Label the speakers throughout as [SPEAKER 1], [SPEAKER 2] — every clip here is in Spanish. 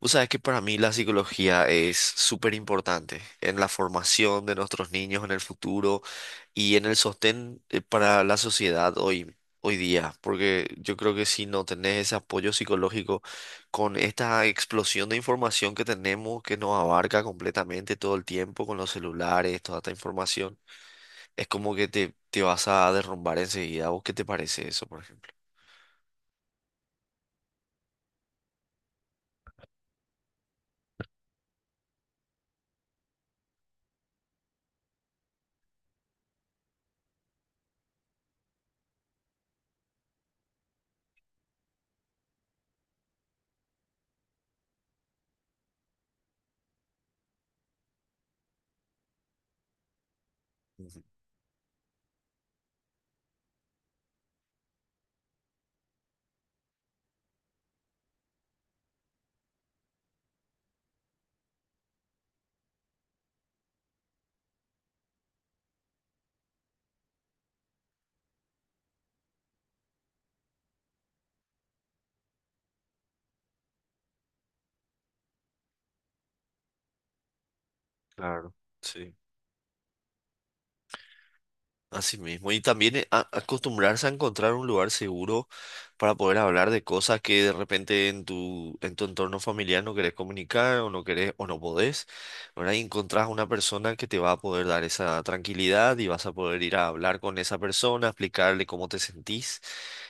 [SPEAKER 1] Vos sabés que para mí la psicología es súper importante en la formación de nuestros niños en el futuro y en el sostén, para la sociedad hoy día, porque yo creo que si no tenés ese apoyo psicológico con esta explosión de información que tenemos, que nos abarca completamente todo el tiempo con los celulares, toda esta información, es como que te vas a derrumbar enseguida. ¿Vos qué te parece eso, por ejemplo? Ujú. Claro. Sí, así mismo. Y también, acostumbrarse a encontrar un lugar seguro para poder hablar de cosas que de repente en tu entorno familiar no querés comunicar o no querés o no podés, ¿verdad? Y encontrás una persona que te va a poder dar esa tranquilidad y vas a poder ir a hablar con esa persona, explicarle cómo te sentís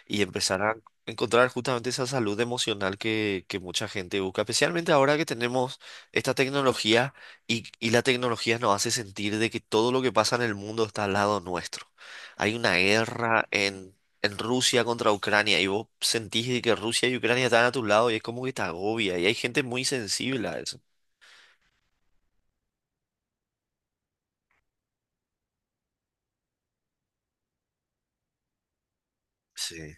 [SPEAKER 1] y empezar a encontrar justamente esa salud emocional que mucha gente busca, especialmente ahora que tenemos esta tecnología y la tecnología nos hace sentir de que todo lo que pasa en el mundo está al lado nuestro. Hay una guerra en Rusia contra Ucrania y vos sentís de que Rusia y Ucrania están a tu lado y es como que te agobia y hay gente muy sensible a eso. Sí.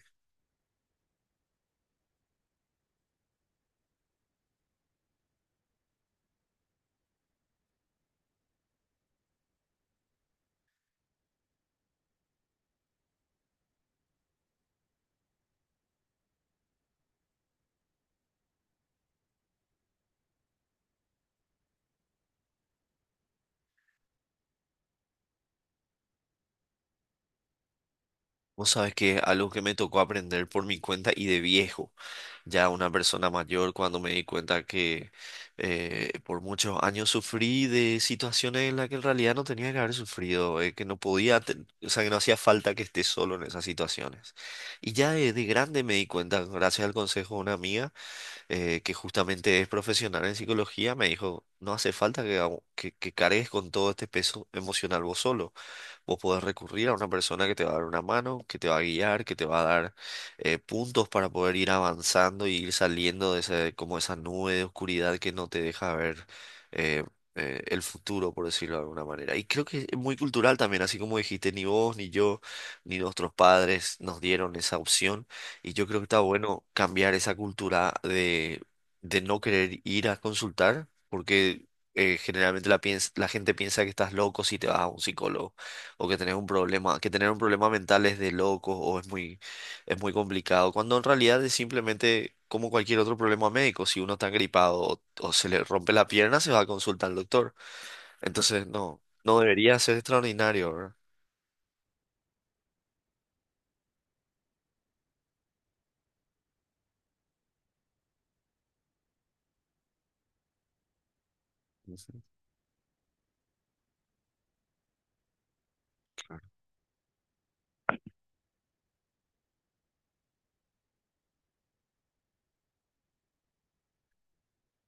[SPEAKER 1] Vos sabes que algo que me tocó aprender por mi cuenta y de viejo, ya una persona mayor, cuando me di cuenta que, por muchos años sufrí de situaciones en las que en realidad no tenía que haber sufrido, que no podía, o sea, que no hacía falta que esté solo en esas situaciones. Y ya de grande me di cuenta, gracias al consejo de una amiga, que justamente es profesional en psicología. Me dijo, no hace falta que, hago- que cargues con todo este peso emocional vos solo. Vos podés recurrir a una persona que te va a dar una mano, que te va a guiar, que te va a dar, puntos para poder ir avanzando y ir saliendo de ese, como esa nube de oscuridad que no te deja ver, eh, el futuro, por decirlo de alguna manera. Y creo que es muy cultural también, así como dijiste, ni vos, ni yo, ni nuestros padres nos dieron esa opción. Y yo creo que está bueno cambiar esa cultura de no querer ir a consultar, porque, generalmente la gente piensa que estás loco si te vas a un psicólogo o que tenés un problema, que tener un problema mental es de locos o es muy complicado, cuando en realidad es simplemente como cualquier otro problema médico, si uno está gripado o se le rompe la pierna, se va a consultar al doctor. Entonces, no, no debería ser extraordinario, ¿verdad? Ujú, claro.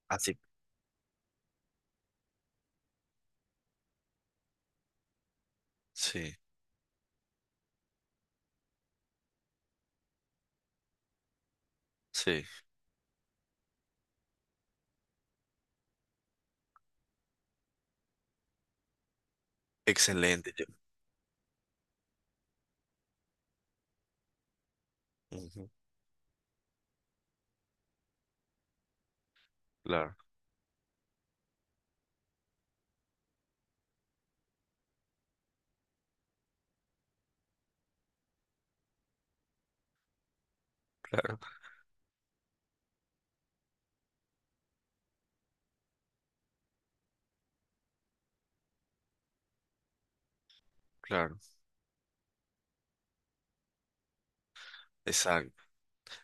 [SPEAKER 1] Así. Sí, sí, excelente. Ujú. Claro, claro. Exacto.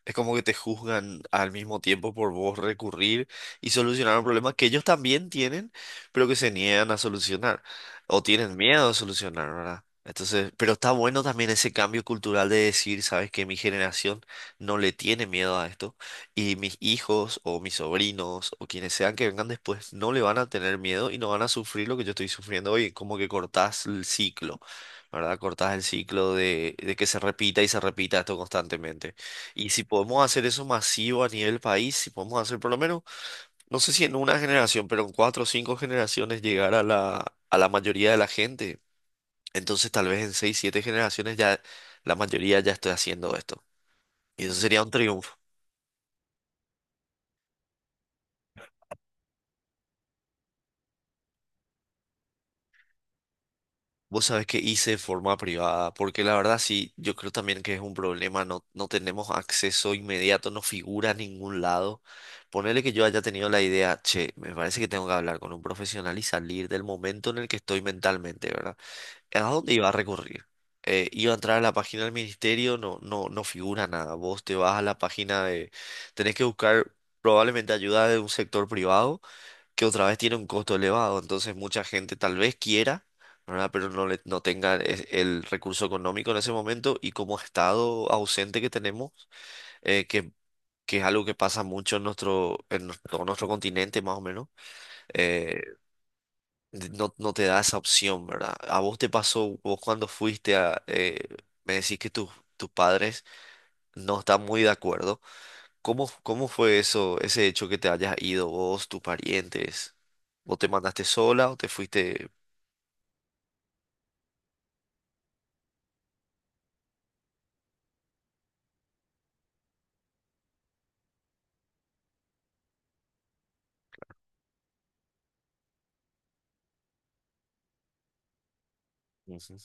[SPEAKER 1] Es como que te juzgan al mismo tiempo por vos recurrir y solucionar un problema que ellos también tienen, pero que se niegan a solucionar o tienen miedo a solucionar, ¿verdad? Entonces, pero está bueno también ese cambio cultural de decir, sabes que mi generación no le tiene miedo a esto y mis hijos o mis sobrinos o quienes sean que vengan después no le van a tener miedo y no van a sufrir lo que yo estoy sufriendo hoy, como que cortás el ciclo, ¿verdad? Cortás el ciclo de que se repita y se repita esto constantemente. Y si podemos hacer eso masivo a nivel país, si podemos hacer por lo menos, no sé si en una generación, pero en cuatro o cinco generaciones llegar a la mayoría de la gente, entonces tal vez en seis, siete generaciones ya la mayoría ya esté haciendo esto. Y eso sería un triunfo. Vos sabés que hice de forma privada, porque la verdad sí, yo creo también que es un problema, no, no tenemos acceso inmediato, no figura en ningún lado. Ponerle que yo haya tenido la idea, che, me parece que tengo que hablar con un profesional y salir del momento en el que estoy mentalmente, ¿verdad? ¿A dónde iba a recurrir? Iba a entrar a la página del ministerio, no, no, no figura nada. Vos te vas a la página de... Tenés que buscar probablemente ayuda de un sector privado que otra vez tiene un costo elevado. Entonces mucha gente tal vez quiera, ¿verdad? Pero no tenga el recurso económico en ese momento y como estado ausente que tenemos, eh, que, que es algo que pasa mucho en nuestro, todo nuestro continente más o menos. eh, no te da esa opción, ¿verdad? ¿A vos te pasó, vos cuando fuiste me decís que tus padres no están muy de acuerdo? ¿Cómo fue eso, ese hecho que te hayas ido vos, tus parientes? ¿O te mandaste sola o te fuiste? Ujú.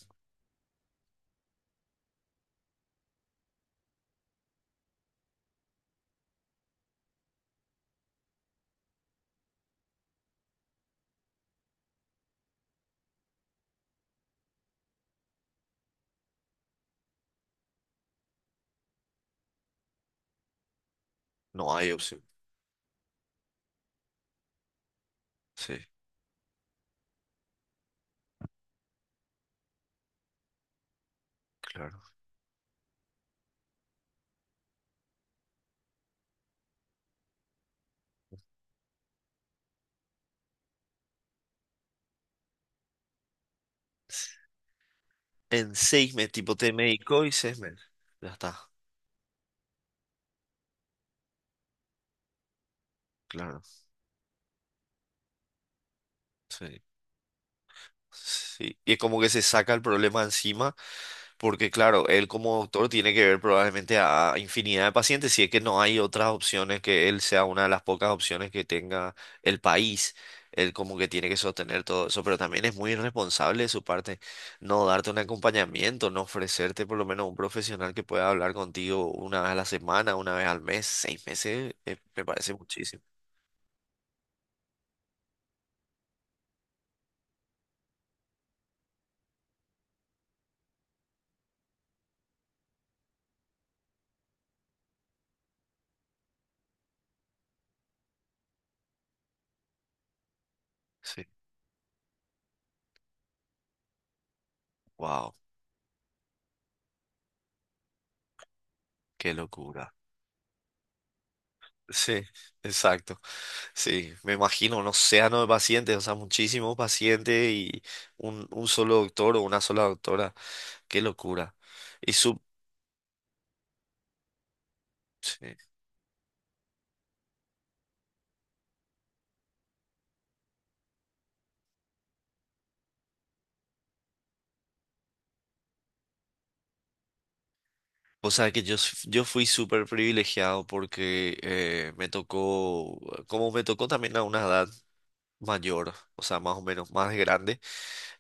[SPEAKER 1] No hay opción. Sí, claro. En 6 meses, tipo, te medicó y 6 meses. Ya está, claro. Sí. Sí, y es como que se saca el problema encima, porque claro, él como doctor tiene que ver probablemente a infinidad de pacientes, si es que no hay otras opciones, que él sea una de las pocas opciones que tenga el país. Él como que tiene que sostener todo eso, pero también es muy irresponsable de su parte no darte un acompañamiento, no ofrecerte por lo menos un profesional que pueda hablar contigo una vez a la semana, una vez al mes, 6 meses. Me parece muchísimo. Sí, wow, qué locura. Sí, exacto. Sí, me imagino un océano de pacientes, o sea, muchísimos pacientes y un solo doctor o una sola doctora. Qué locura. Y su, sí. O sea, que yo fui súper privilegiado porque, como me tocó también a una edad mayor, o sea, más o menos más grande.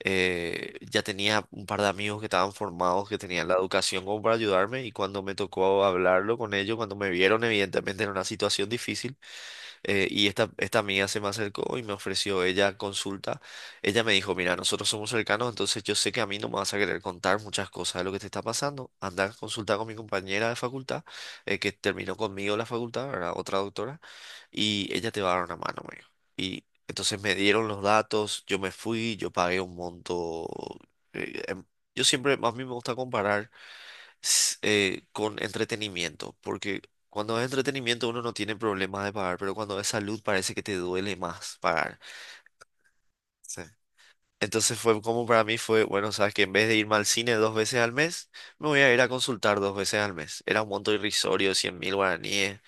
[SPEAKER 1] Ya tenía un par de amigos que estaban formados, que tenían la educación como para ayudarme y cuando me tocó hablarlo con ellos, cuando me vieron evidentemente en una situación difícil. Esta amiga se me acercó y me ofreció ella consulta. Ella me dijo, mira, nosotros somos cercanos, entonces yo sé que a mí no me vas a querer contar muchas cosas de lo que te está pasando. Anda a consultar con mi compañera de facultad, que terminó conmigo la facultad, ¿verdad? Otra doctora, y ella te va a dar una mano, me dijo. Y entonces me dieron los datos, yo me fui, yo pagué un monto. eh, em- yo siempre, a mí me gusta comparar, con entretenimiento, porque cuando es entretenimiento uno no tiene problema de pagar, pero cuando es salud parece que te duele más pagar. Sí. Entonces fue como para mí fue, bueno, sabes que en vez de irme al cine dos veces al mes, me voy a ir a consultar dos veces al mes. Era un monto irrisorio, 100.000 guaraníes.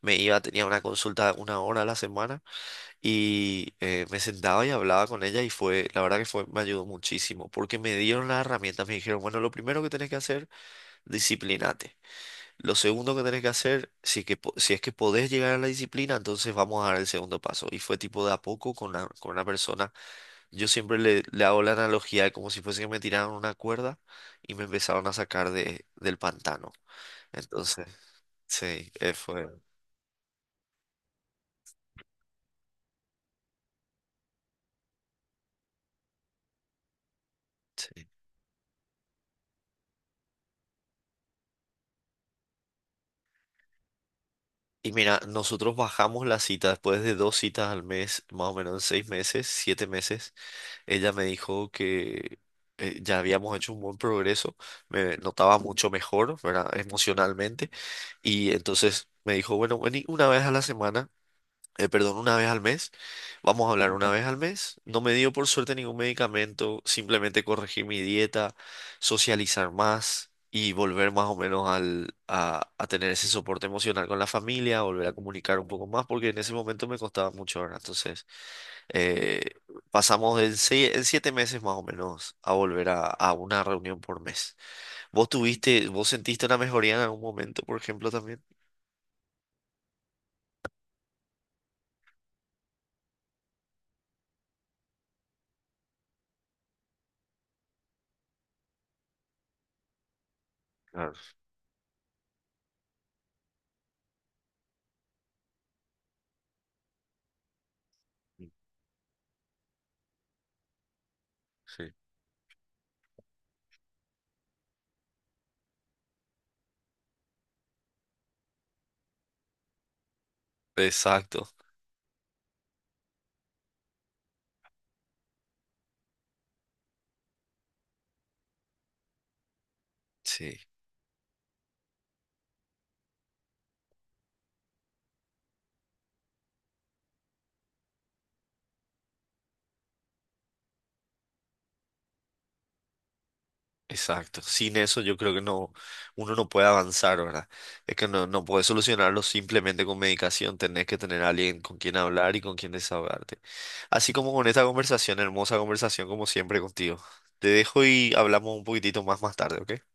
[SPEAKER 1] Me iba, tenía una consulta una hora a la semana y, me sentaba y hablaba con ella y la verdad que fue, me ayudó muchísimo porque me dieron las herramientas, me dijeron, bueno, lo primero que tenés que hacer, disciplinate. Lo segundo que tenés que hacer, si es que, si es que podés llegar a la disciplina, entonces vamos a dar el segundo paso. Y fue tipo de a poco con con una persona. Yo siempre le hago la analogía de como si fuese que me tiraron una cuerda y me empezaron a sacar del pantano. Entonces, sí, fue. Sí. Y mira, nosotros bajamos la cita después de dos citas al mes, más o menos en 6 meses, 7 meses. Ella me dijo que, ya habíamos hecho un buen progreso, me notaba mucho mejor, ¿verdad? Emocionalmente. Y entonces me dijo, bueno, vení una vez a la semana, perdón, una vez al mes, vamos a hablar una vez al mes. No me dio por suerte ningún medicamento, simplemente corregir mi dieta, socializar más y volver más o menos a tener ese soporte emocional con la familia, volver a comunicar un poco más, porque en ese momento me costaba mucho, ¿verdad? Entonces, eh, pasamos en 7 meses más o menos a volver a una reunión por mes. ¿Vos sentiste una mejoría en algún momento, por ejemplo, también? Exacto, sí, exacto. Sin eso yo creo que no, uno no puede avanzar, ¿verdad? Es que no, no puedes solucionarlo simplemente con medicación, tenés que tener a alguien con quien hablar y con quien desahogarte. Así como con esta conversación, hermosa conversación como siempre contigo. Te dejo y hablamos un poquitito más más tarde, ¿ok?